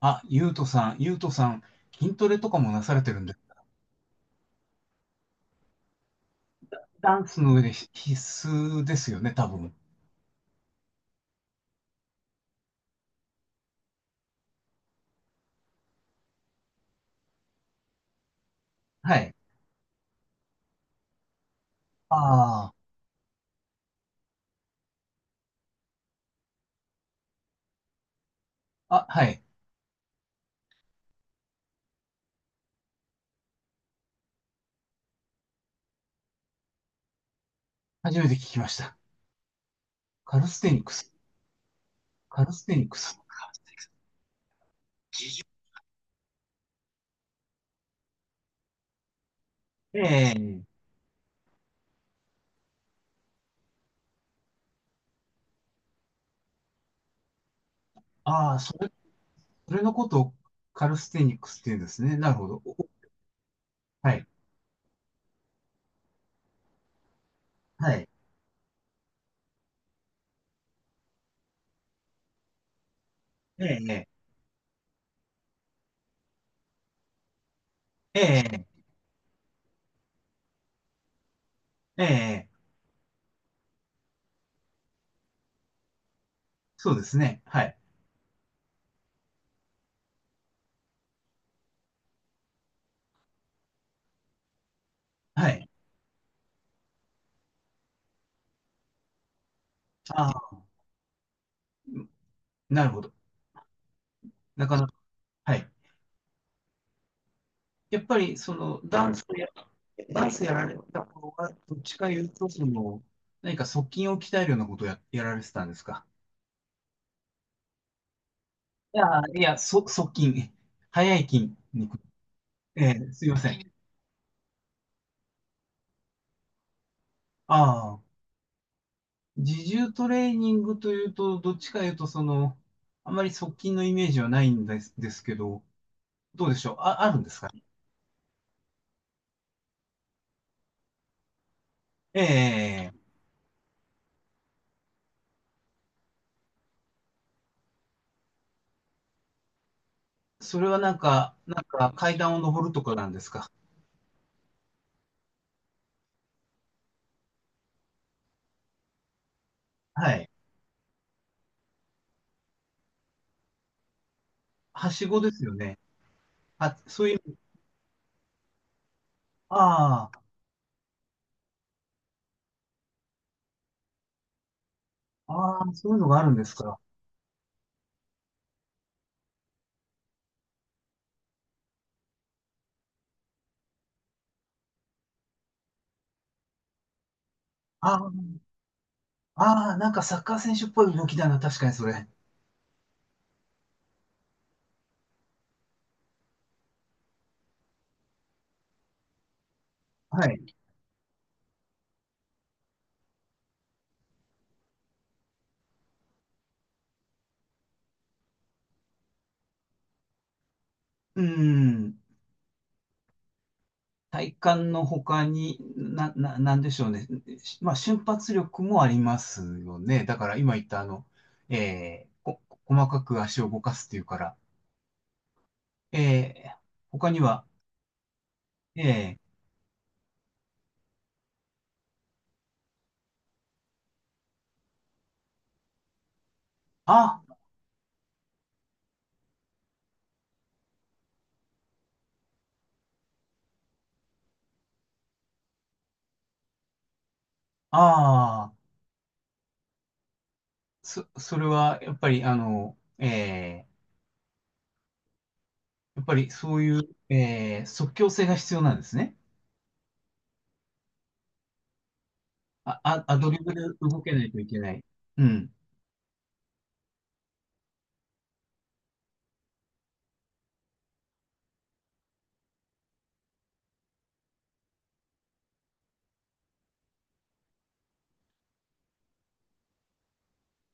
あ、ゆうとさん、ゆうとさん、筋トレとかもなされてるんで、ダンスの上で必須ですよね、多分。はい。ああ、あ、はい。初めて聞きました。カルステニクス。カルステニクス。ええ。ああ、それのことをカルステニクスって言うんですね。なるほど。はい。はい。ええ、ええ、ええ、そうですね。はい。はい。ああ、なるほど。なかなか。はい。やっぱりそのダンスやられた方が、どっちか言うと、その、何か側筋を鍛えるようなことをやられてたんですか？いや、いや、側筋、早い筋肉。ええ、すいません。ああ、自重トレーニングというと、どっちか言うと、その、あまり側筋のイメージはないんです、ですけど、どうでしょう、あるんですか？ええ、それはなんか、階段を登るとかなんですか？はい。はしごですよね。あ、そういう、ああ。ああ、そういうのがあるんですか。あー、あー、なんかサッカー選手っぽい動きだな。確かにそれ。はい。うん。体幹の他に、なんでしょうね？まあ、瞬発力もありますよね。だから今言ったあの、えー、こ、細かく足を動かすっていうから。えー、他には、えー、あ、ああ、それはやっぱりあの、やっぱりそういう、即興性が必要なんですね。アドリブで動けないといけない。うん。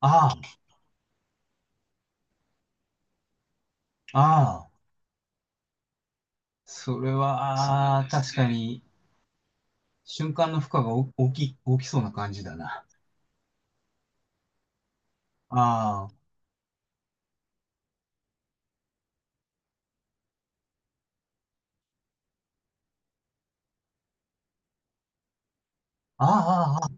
ああ、ああ、それは、ああ確かに、瞬間の負荷がお大きい、大きそうな感じだな。ああ、ああ、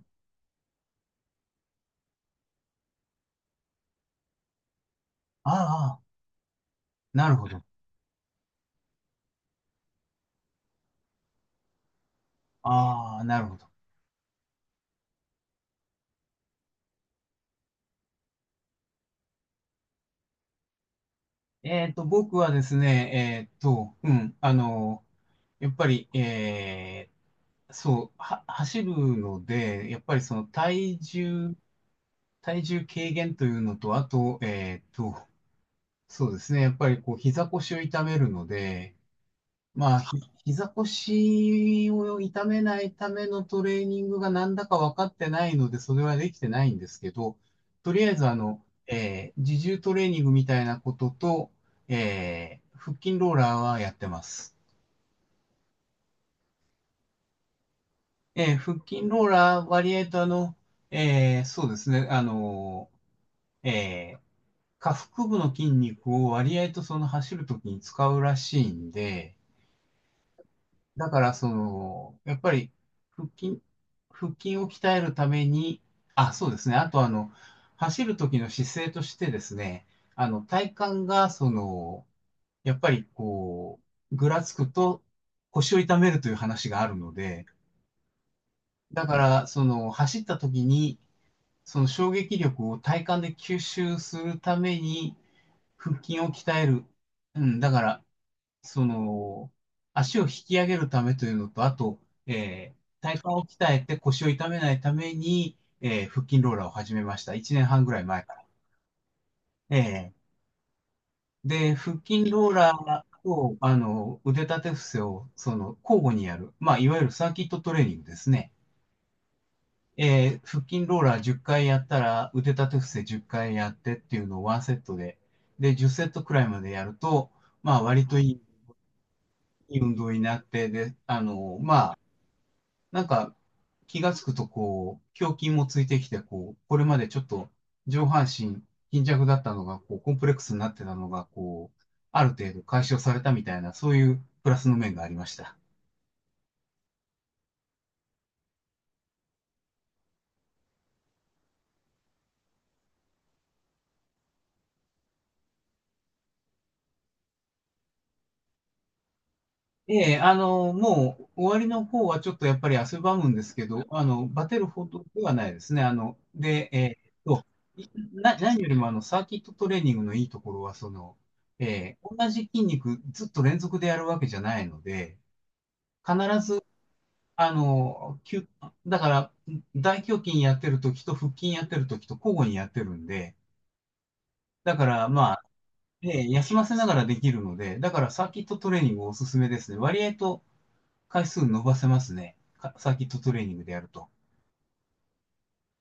ああ、ああ、なるほど。ああ、なるほど。僕はですね、うん、あの、やっぱり、走るので、やっぱりその体重軽減というのと、あと、そうですね。やっぱりこう膝腰を痛めるので、まあ、膝腰を痛めないためのトレーニングがなんだか分かってないので、それはできてないんですけど、とりあえずあの、自重トレーニングみたいなことと、腹筋ローラーはやってます。腹筋ローラー割合とあの、そうですね、あの、えー下腹部の筋肉を割合とその走るときに使うらしいんで、だからその、やっぱり腹筋、腹筋を鍛えるために、あ、そうですね。あとあの、走る時の姿勢としてですね、あの、体幹がその、やっぱりこう、ぐらつくと腰を痛めるという話があるので、だからその、走った時に、その衝撃力を体幹で吸収するために腹筋を鍛える。うん、だからその、足を引き上げるためというのと、あと、体幹を鍛えて腰を痛めないために、腹筋ローラーを始めました。1年半ぐらい前から。えで、腹筋ローラーと、あの、腕立て伏せを、その、交互にやる。まあ、いわゆるサーキットトレーニングですね。腹筋ローラー10回やったら、腕立て伏せ10回やってっていうのをワンセットで、で、10セットくらいまでやると、まあ、割といい運動になって、で、あの、まあ、なんか、気がつくとこう、胸筋もついてきて、こう、これまでちょっと上半身貧弱だったのが、こう、コンプレックスになってたのが、こう、ある程度解消されたみたいな、そういうプラスの面がありました。ええ、あの、もう終わりの方はちょっとやっぱり汗ばむんですけど、あの、バテるほどではないですね。あの、で、ーっと、い何よりもあの、サーキットトレーニングのいいところは、その、同じ筋肉ずっと連続でやるわけじゃないので、必ずあの、だから、大胸筋やってるときと腹筋やってるときと交互にやってるんで、だからまあ、ね、休ませながらできるので、だからサーキットトレーニングおすすめですね。割合と回数伸ばせますね。かサーキットトレーニングでやると。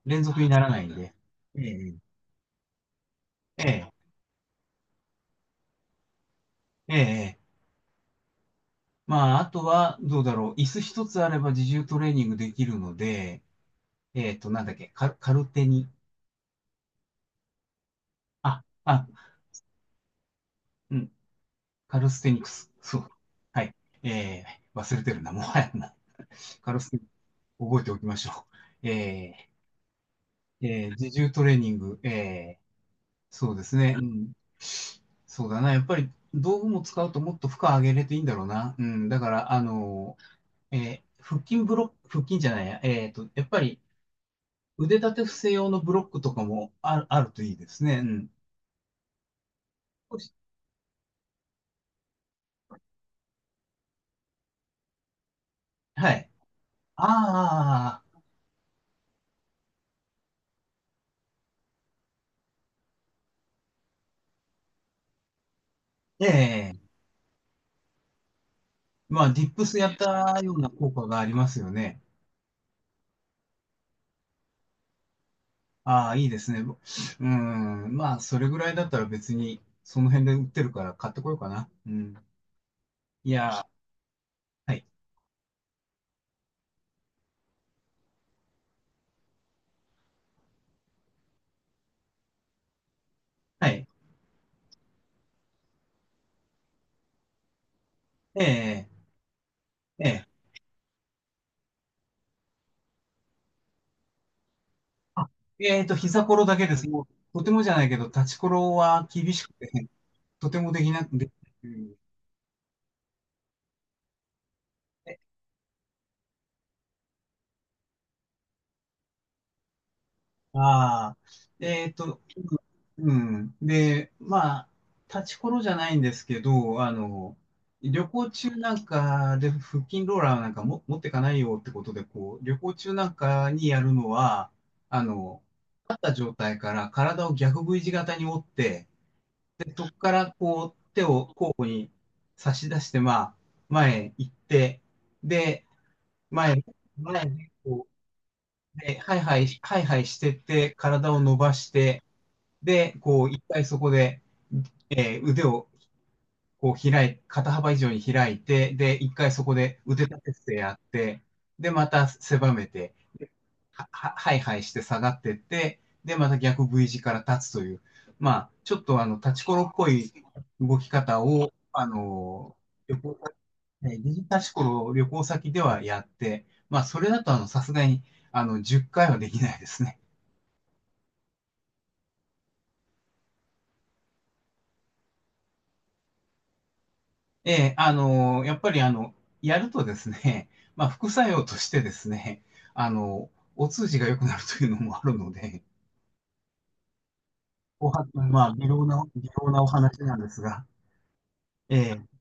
連続にならないんで。ええ、ええ、ええ。まあ、あとは、どうだろう。椅子一つあれば自重トレーニングできるので、えっと、なんだっけ、カルテに。あ、あ、うん、カルステニクス。そう。はい。え忘れてるな。もはやな。カルステニクス、覚えておきましょう。自重トレーニング。そうですね。うん。そうだな。やっぱり道具も使うともっと負荷上げれていいんだろうな。うん。だから、腹筋ブロック、腹筋じゃないや。えっと、やっぱり腕立て伏せ用のブロックとかもあるといいですね。うん。少し、はい。ああ、ええ、まあ、ディップスやったような効果がありますよね。ああ、いいですね。うん。まあ、それぐらいだったら別に、その辺で売ってるから買ってこようかな。うん。いやー、はい。はい。ええ、ええ。あ、膝ころだけです。もう、とてもじゃないけど、立ちころは厳しくて、とてもできなくでああ、えっと、うん。で、まあ、立ちころじゃないんですけど、あの、旅行中なんかで腹筋ローラーなんかも持ってかないよってことで、こう、旅行中なんかにやるのは、あの、立った状態から体を逆 V 字型に折って、で、そこからこう、手を交互に差し出して、まあ、前行って、で、前、前にこう、で、ハイハイ、ハイハイしてって、体を伸ばして、で、こう、一回そこで、腕をこう肩幅以上に開いて、で、一回そこで腕立て伏せやって、で、また狭めて、はいはいして下がってって、で、また逆 V 字から立つという、まあ、ちょっとあの、立ちころっぽい動き方を、あの、旅行先、ね、疑似立ちころを旅行先ではやって、まあ、それだとあの、さすがに、あの、10回はできないですね。ええ、あの、やっぱりあの、やるとですね、まあ、副作用としてですね、あの、お通じが良くなるというのもあるので、まあ、微妙な微妙なお話なんですが、ええ。